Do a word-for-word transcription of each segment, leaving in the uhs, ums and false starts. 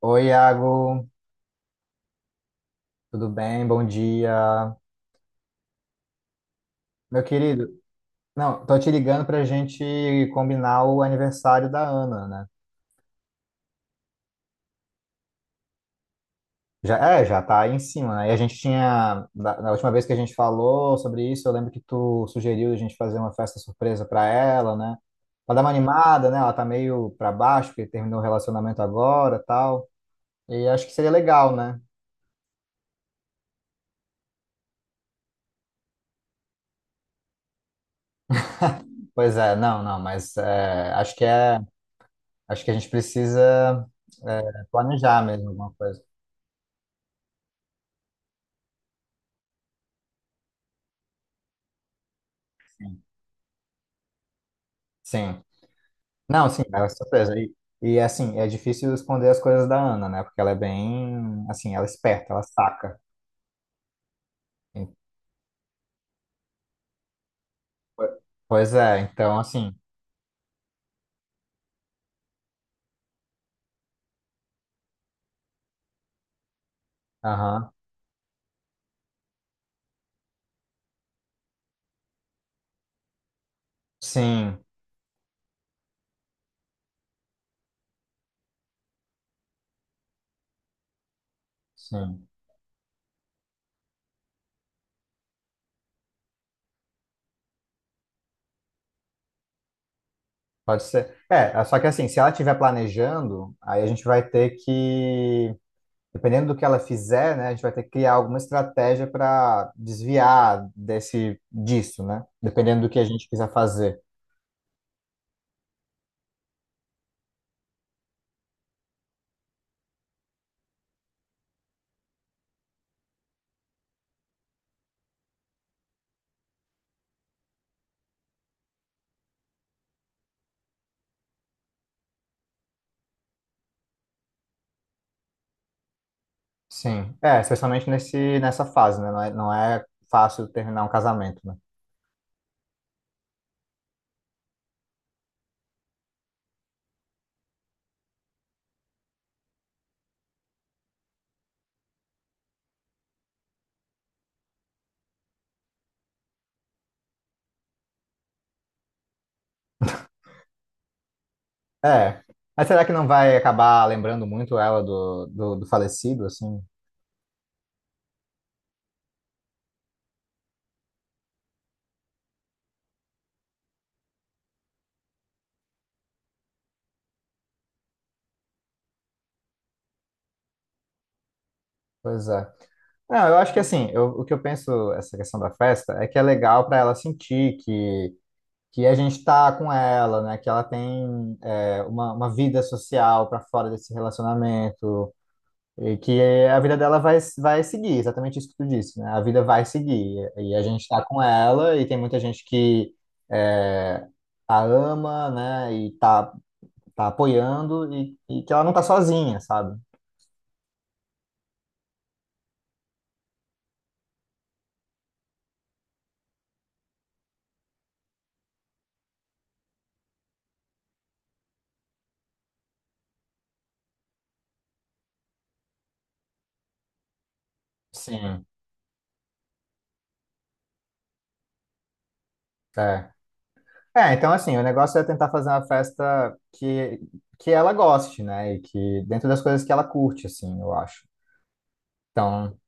Oi, Iago, tudo bem? Bom dia. Meu querido, não, tô te ligando pra gente combinar o aniversário da Ana, né? Já, é, já tá aí em cima, né? E a gente tinha, da- na última vez que a gente falou sobre isso, eu lembro que tu sugeriu a gente fazer uma festa surpresa pra ela, né? Pra dar uma animada, né? Ela tá meio pra baixo, porque terminou o relacionamento agora, tal. E acho que seria legal, né? Pois é, não, não, mas é, acho que é, acho que a gente precisa é, planejar mesmo alguma coisa. Assim. Sim. Não, sim, é uma surpresa. E, e assim, é difícil esconder as coisas da Ana, né? Porque ela é bem, assim, ela é esperta, ela saca. E- Pois é, então assim, aham. Sim, sim. Pode ser. É, só que assim, se ela estiver planejando, aí a gente vai ter que, dependendo do que ela fizer, né, a gente vai ter que criar alguma estratégia para desviar desse disso, né? Dependendo do que a gente quiser fazer. Sim. É, especialmente nesse, nessa fase, né? Não é, não é fácil terminar um casamento, né? É. Mas será que não vai acabar lembrando muito ela do, do, do falecido, assim? Pois é. Não, eu acho que assim, eu, o que eu penso, essa questão da festa, é que é legal para ela sentir que, que a gente tá com ela, né? Que ela tem é, uma, uma vida social para fora desse relacionamento, e que a vida dela vai, vai seguir, exatamente isso que tu disse, né? A vida vai seguir. E a gente está com ela, e tem muita gente que é, a ama, né? E tá, tá apoiando, e, e que ela não tá sozinha, sabe? Sim. É. É, então assim, o negócio é tentar fazer uma festa que, que ela goste, né? E que dentro das coisas que ela curte, assim, eu acho. Então,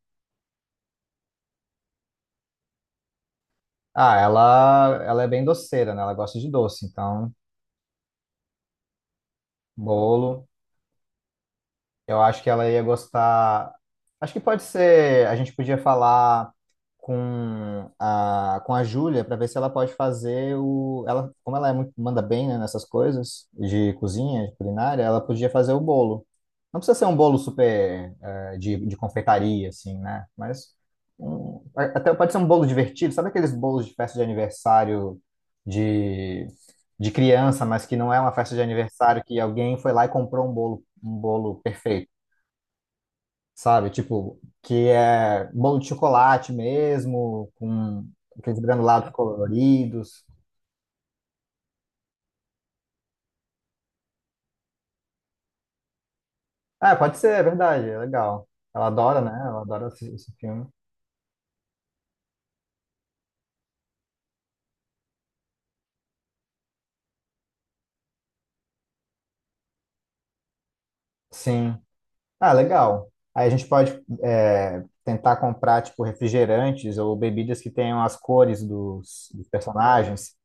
ah, ela, ela é bem doceira, né? Ela gosta de doce, então, bolo. Eu acho que ela ia gostar. Acho que pode ser. A gente podia falar com a, com a Júlia para ver se ela pode fazer o. Ela, como ela é muito, manda bem, né, nessas coisas de cozinha, de culinária, ela podia fazer o bolo. Não precisa ser um bolo super eh, de, de confeitaria, assim, né? Mas um- até pode ser um bolo divertido. Sabe aqueles bolos de festa de aniversário de, de criança, mas que não é uma festa de aniversário que alguém foi lá e comprou um bolo, um bolo perfeito? Sabe? Tipo, que é bolo de chocolate mesmo, com aqueles granulados coloridos. Ah, pode ser, é verdade, é legal. Ela adora, né? Ela adora esse, esse filme. Sim. Ah, legal. Aí a gente pode é, tentar comprar, tipo, refrigerantes ou bebidas que tenham as cores dos, dos personagens.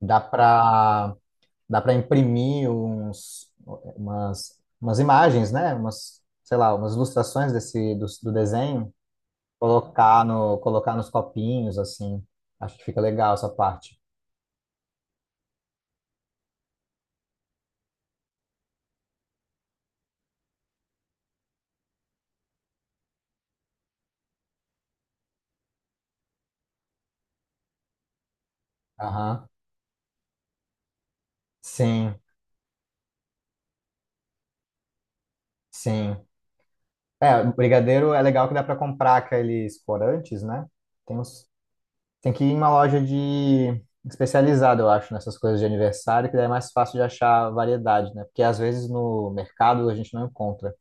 Dá pra, dá pra imprimir uns, umas, umas imagens, né? Umas, sei lá, umas ilustrações desse, do, do desenho. Colocar no, colocar nos copinhos, assim. Acho que fica legal essa parte. Aham. Sim, sim. É, o brigadeiro é legal que dá para comprar aqueles corantes, né? Tem uns, tem que ir em uma loja de especializada, eu acho, nessas coisas de aniversário, que daí é mais fácil de achar variedade, né? Porque às vezes no mercado a gente não encontra.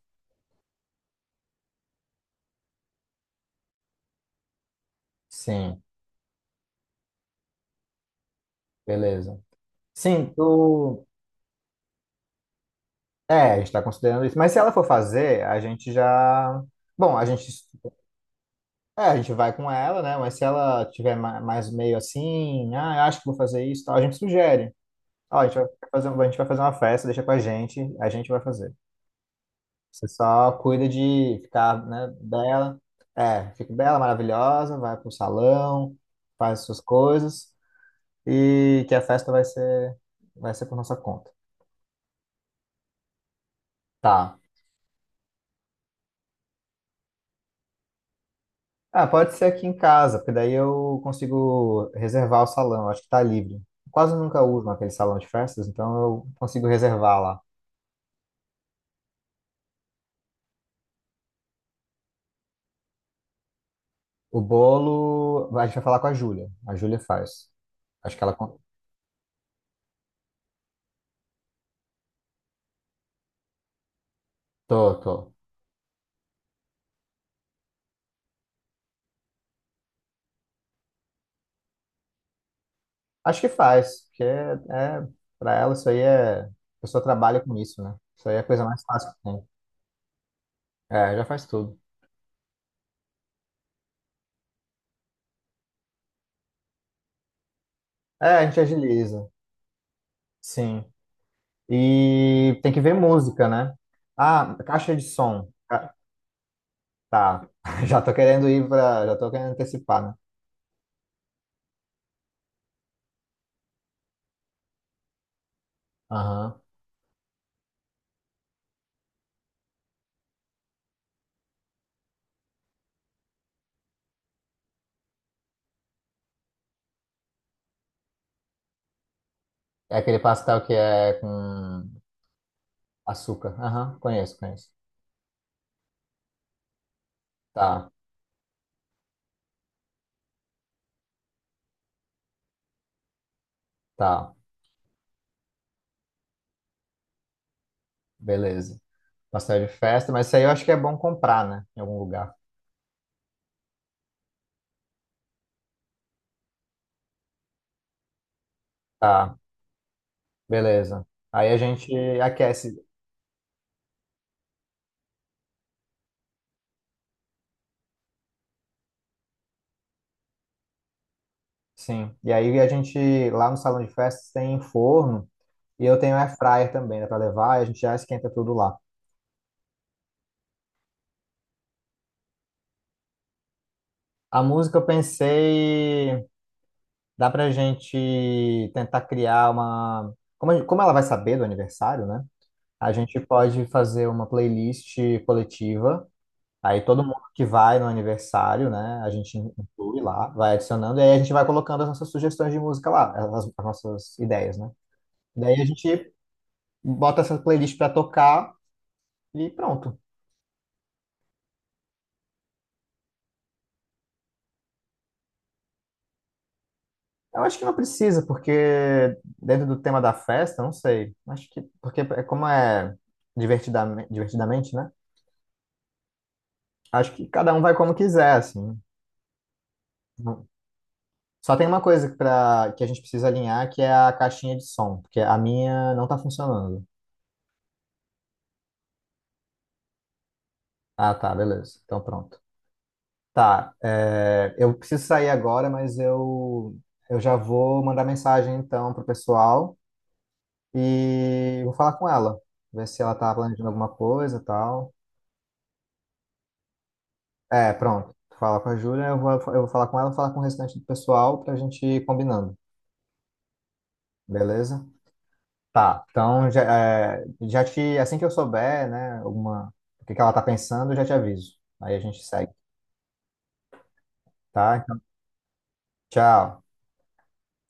Sim, beleza. Sim, tu... É, a gente está considerando isso. Mas se ela for fazer, a gente já... Bom, a gente é, a gente vai com ela, né? Mas se ela tiver ma- mais meio assim, ah, eu acho que vou fazer isso, e tal, a gente sugere. Ó, a gente vai fazer, um- a gente vai fazer uma festa, deixa com a gente, a gente vai fazer. Você só cuida de ficar, né, bela. É, fica bela, maravilhosa, vai pro salão, faz suas coisas e que a festa vai ser, vai ser por nossa conta. Tá. Ah, pode ser aqui em casa, porque daí eu consigo reservar o salão, acho que tá livre. Quase nunca uso naquele salão de festas, então eu consigo reservar lá. O bolo, a gente vai falar com a Júlia. A Júlia faz. Acho que ela. con- Tô, tô. Acho que faz, porque é, é, para ela isso aí é. A pessoa trabalha com isso, né? Isso aí é a coisa mais fácil que tem. É, já faz tudo. É, a gente agiliza. Sim. E tem que ver música, né? Ah, caixa de som. Ah, tá. Já tô querendo ir pra. Já tô querendo antecipar, né? Aham. É aquele pastel que é com açúcar. Aham, conheço, conheço. Tá, tá. Beleza. Pastel de festa, mas isso aí eu acho que é bom comprar, né? Em algum lugar. Tá, beleza. Aí a gente aquece, sim. E aí a gente, lá no salão de festas, tem forno e eu tenho air fryer também, dá pra levar, e a gente já esquenta tudo lá. A música eu pensei, dá pra gente tentar criar uma. Como, a gente- como ela vai saber do aniversário, né? A gente pode fazer uma playlist coletiva. Aí todo mundo que vai no aniversário, né, a gente inclui lá, vai adicionando, e aí a gente vai colocando as nossas sugestões de música lá, as, as nossas ideias, né? Daí a gente bota essa playlist para tocar e pronto. Eu acho que não precisa, porque dentro do tema da festa, não sei. Acho que, porque é como é divertidamente, divertidamente, né? Acho que cada um vai como quiser, assim. Não- Só tem uma coisa pra, que a gente precisa alinhar, que é a caixinha de som, porque a minha não tá funcionando. Ah, tá, beleza. Então pronto. Tá, é, eu preciso sair agora, mas eu, eu já vou mandar mensagem então pro pessoal e vou falar com ela, ver se ela tá planejando alguma coisa e tal. É, pronto. Fala com a Júlia, eu vou, eu vou falar com ela, falar com o restante do pessoal pra gente ir combinando, beleza? Tá, então já, é, já te, assim que eu souber, né, alguma, o que que ela tá pensando, eu já te aviso. Aí a gente segue, tá? Então, tchau.